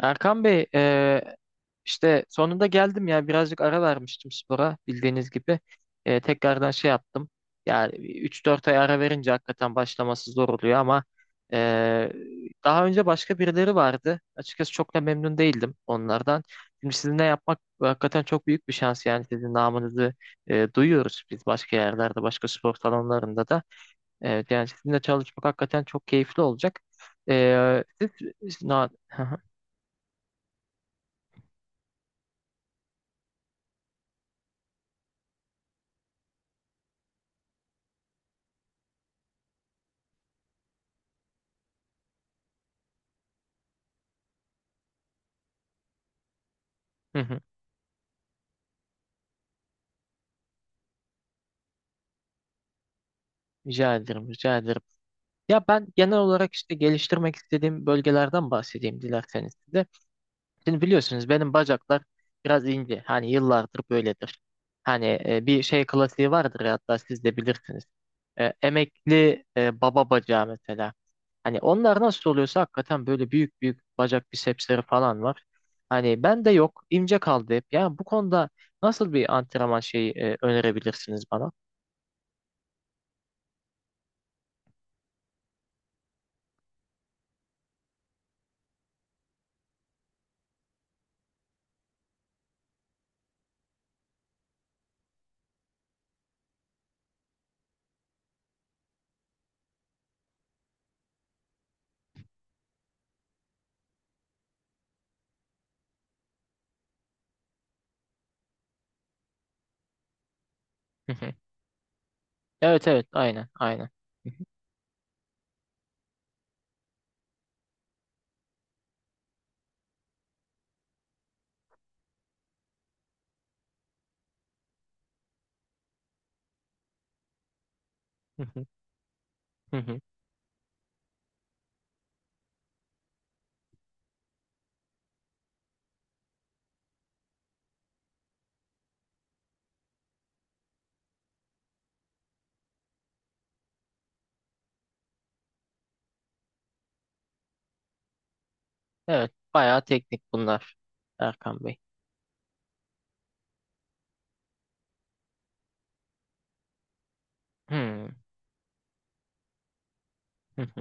Erkan Bey, işte sonunda geldim ya, birazcık ara vermiştim spora bildiğiniz gibi. Tekrardan şey yaptım. Yani üç dört ay ara verince hakikaten başlaması zor oluyor ama e, daha önce başka birileri vardı. Açıkçası çok da memnun değildim onlardan. Şimdi sizinle yapmak hakikaten çok büyük bir şans, yani sizin namınızı duyuyoruz biz başka yerlerde, başka spor salonlarında da. Yani sizinle çalışmak hakikaten çok keyifli olacak. E, siz, siz- na- Rica ederim, rica ederim. Ya ben genel olarak işte geliştirmek istediğim bölgelerden bahsedeyim dilerseniz size. Şimdi biliyorsunuz benim bacaklar biraz ince. Hani yıllardır böyledir. Hani bir şey klasiği vardır ya, hatta siz de bilirsiniz. Emekli baba bacağı mesela. Hani onlar nasıl oluyorsa hakikaten böyle büyük büyük bacak bisepsleri falan var. Hani ben de yok, ince kaldı hep. Yani bu konuda nasıl bir antrenman şeyi önerebilirsiniz bana? Hı hı. Evet evet, aynen aynen. Hı hı, hı hı. Evet, bayağı teknik bunlar Erkan Bey. Hı hı. Hı.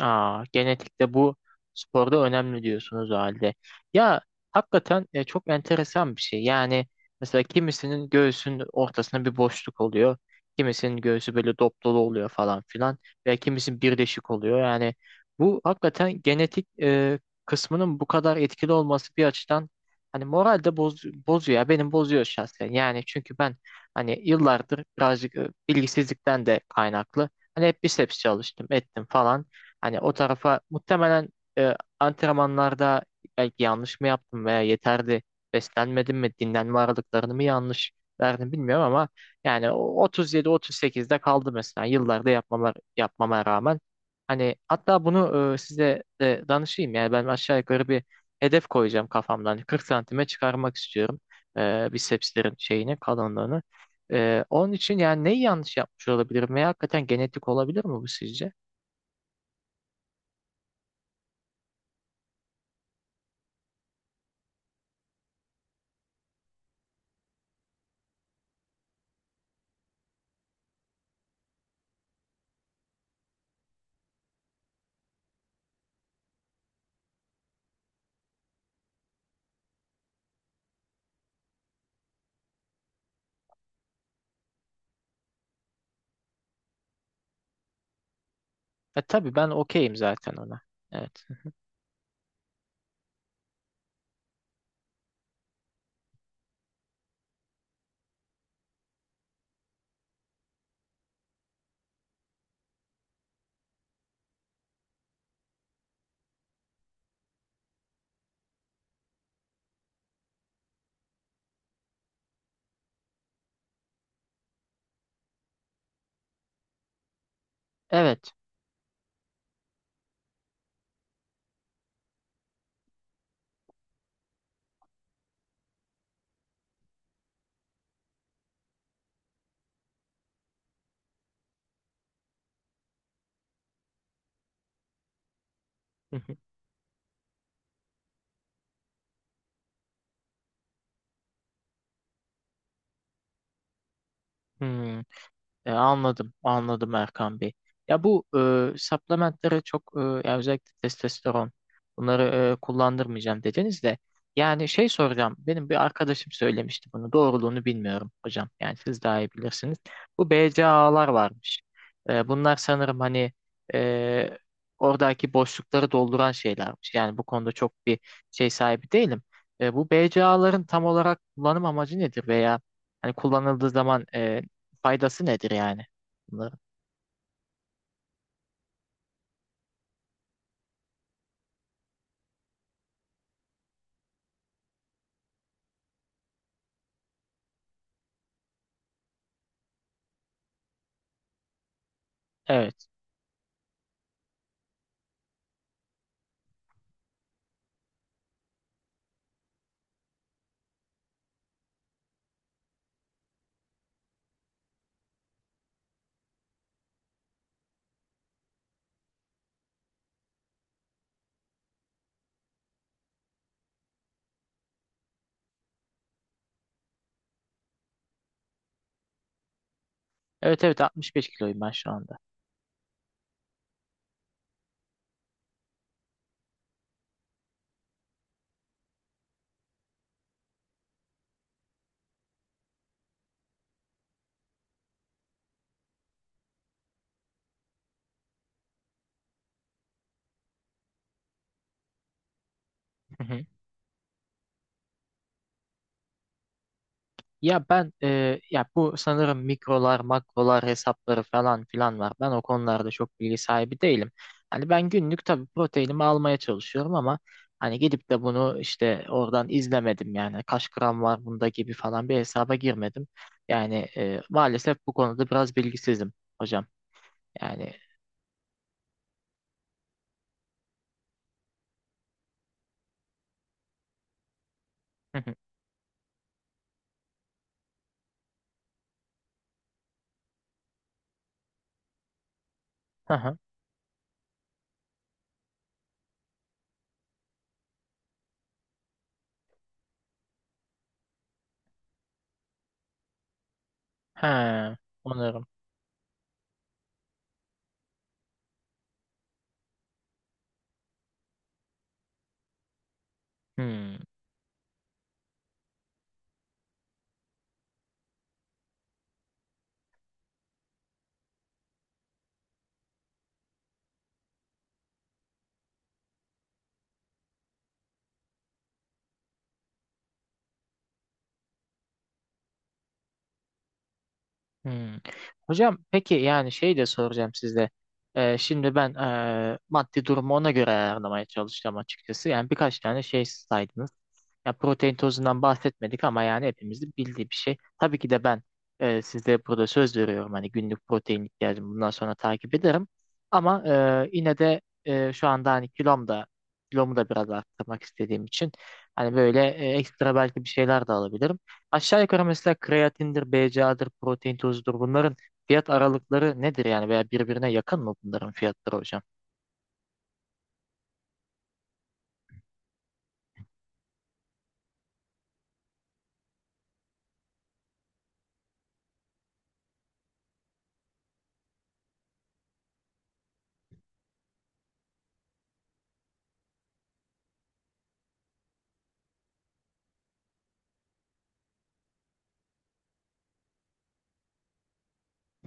Aa, genetikte bu sporda önemli diyorsunuz o halde. Ya hakikaten çok enteresan bir şey. Yani mesela kimisinin göğsünün ortasında bir boşluk oluyor. Kimisinin göğsü böyle dop dolu oluyor falan filan. Veya kimisinin birleşik oluyor. Yani bu hakikaten genetik kısmının bu kadar etkili olması bir açıdan hani moral de bozuyor ya. Benim bozuyor şahsen. Yani çünkü ben hani yıllardır birazcık bilgisizlikten de kaynaklı. Hani hep biceps çalıştım, ettim falan. Hani o tarafa muhtemelen e, antrenmanlarda belki yanlış mı yaptım, veya yeterli beslenmedim mi, dinlenme aralıklarını mı yanlış verdim bilmiyorum ama yani 37-38'de kaldı mesela, yıllarda yapmama rağmen. Hani hatta bunu size de danışayım, yani ben aşağı yukarı bir hedef koyacağım kafamdan. Hani 40 santime çıkarmak istiyorum bisepslerin şeyini, kalınlığını. Onun için yani neyi yanlış yapmış olabilirim veya hakikaten genetik olabilir mi bu sizce? E tabii ben okeyim zaten ona. Evet. Evet. Hmm. Anladım, anladım Erkan Bey. Ya bu supplementlere çok ya özellikle testosteron, bunları kullandırmayacağım dediniz de yani şey soracağım. Benim bir arkadaşım söylemişti bunu. Doğruluğunu bilmiyorum hocam. Yani siz daha iyi bilirsiniz. Bu BCAA'lar varmış. Bunlar sanırım hani e, oradaki boşlukları dolduran şeylermiş. Yani bu konuda çok bir şey sahibi değilim. Bu BCAA'ların tam olarak kullanım amacı nedir, veya hani kullanıldığı zaman faydası nedir yani? Bunların? Evet. Evet evet, 65 kiloyum ben şu anda. Hı hı. Ya ben ya bu sanırım mikrolar, makrolar hesapları falan filan var. Ben o konularda çok bilgi sahibi değilim. Hani ben günlük tabii proteinimi almaya çalışıyorum ama hani gidip de bunu işte oradan izlemedim, yani kaç gram var bunda gibi falan bir hesaba girmedim. Yani maalesef bu konuda biraz bilgisizim hocam. Yani hı hı. Hı hı. He, anlıyorum. Hmm. Hmm. Hocam peki yani şey de soracağım size. Şimdi ben maddi durumu ona göre ayarlamaya çalışacağım açıkçası. Yani birkaç tane şey saydınız. Ya protein tozundan bahsetmedik ama yani hepimizin bildiği bir şey. Tabii ki de ben size burada söz veriyorum. Hani günlük protein ihtiyacımı bundan sonra takip ederim. Ama yine de şu anda hani kilomu da biraz arttırmak istediğim için hani böyle ekstra belki bir şeyler de alabilirim. Aşağı yukarı mesela kreatindir, BCA'dır, protein tozudur. Bunların fiyat aralıkları nedir yani, veya birbirine yakın mı bunların fiyatları hocam?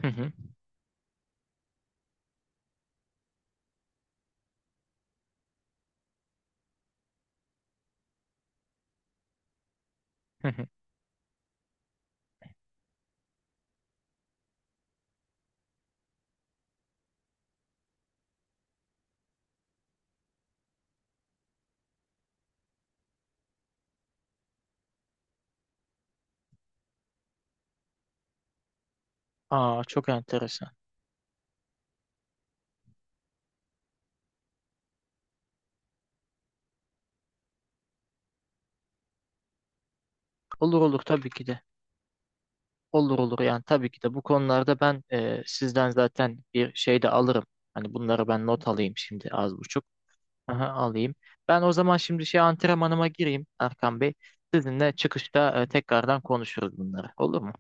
Hı hı, hı hı. Aa, çok enteresan. Olur olur, tabii ki de. Olur olur, yani tabii ki de. Bu konularda ben sizden zaten bir şey de alırım. Hani bunları ben not alayım şimdi az buçuk. Aha, alayım. Ben o zaman şimdi şey antrenmanıma gireyim Erkan Bey. Sizinle çıkışta tekrardan konuşuruz bunları. Olur mu?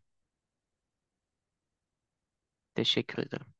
Teşekkür ederim.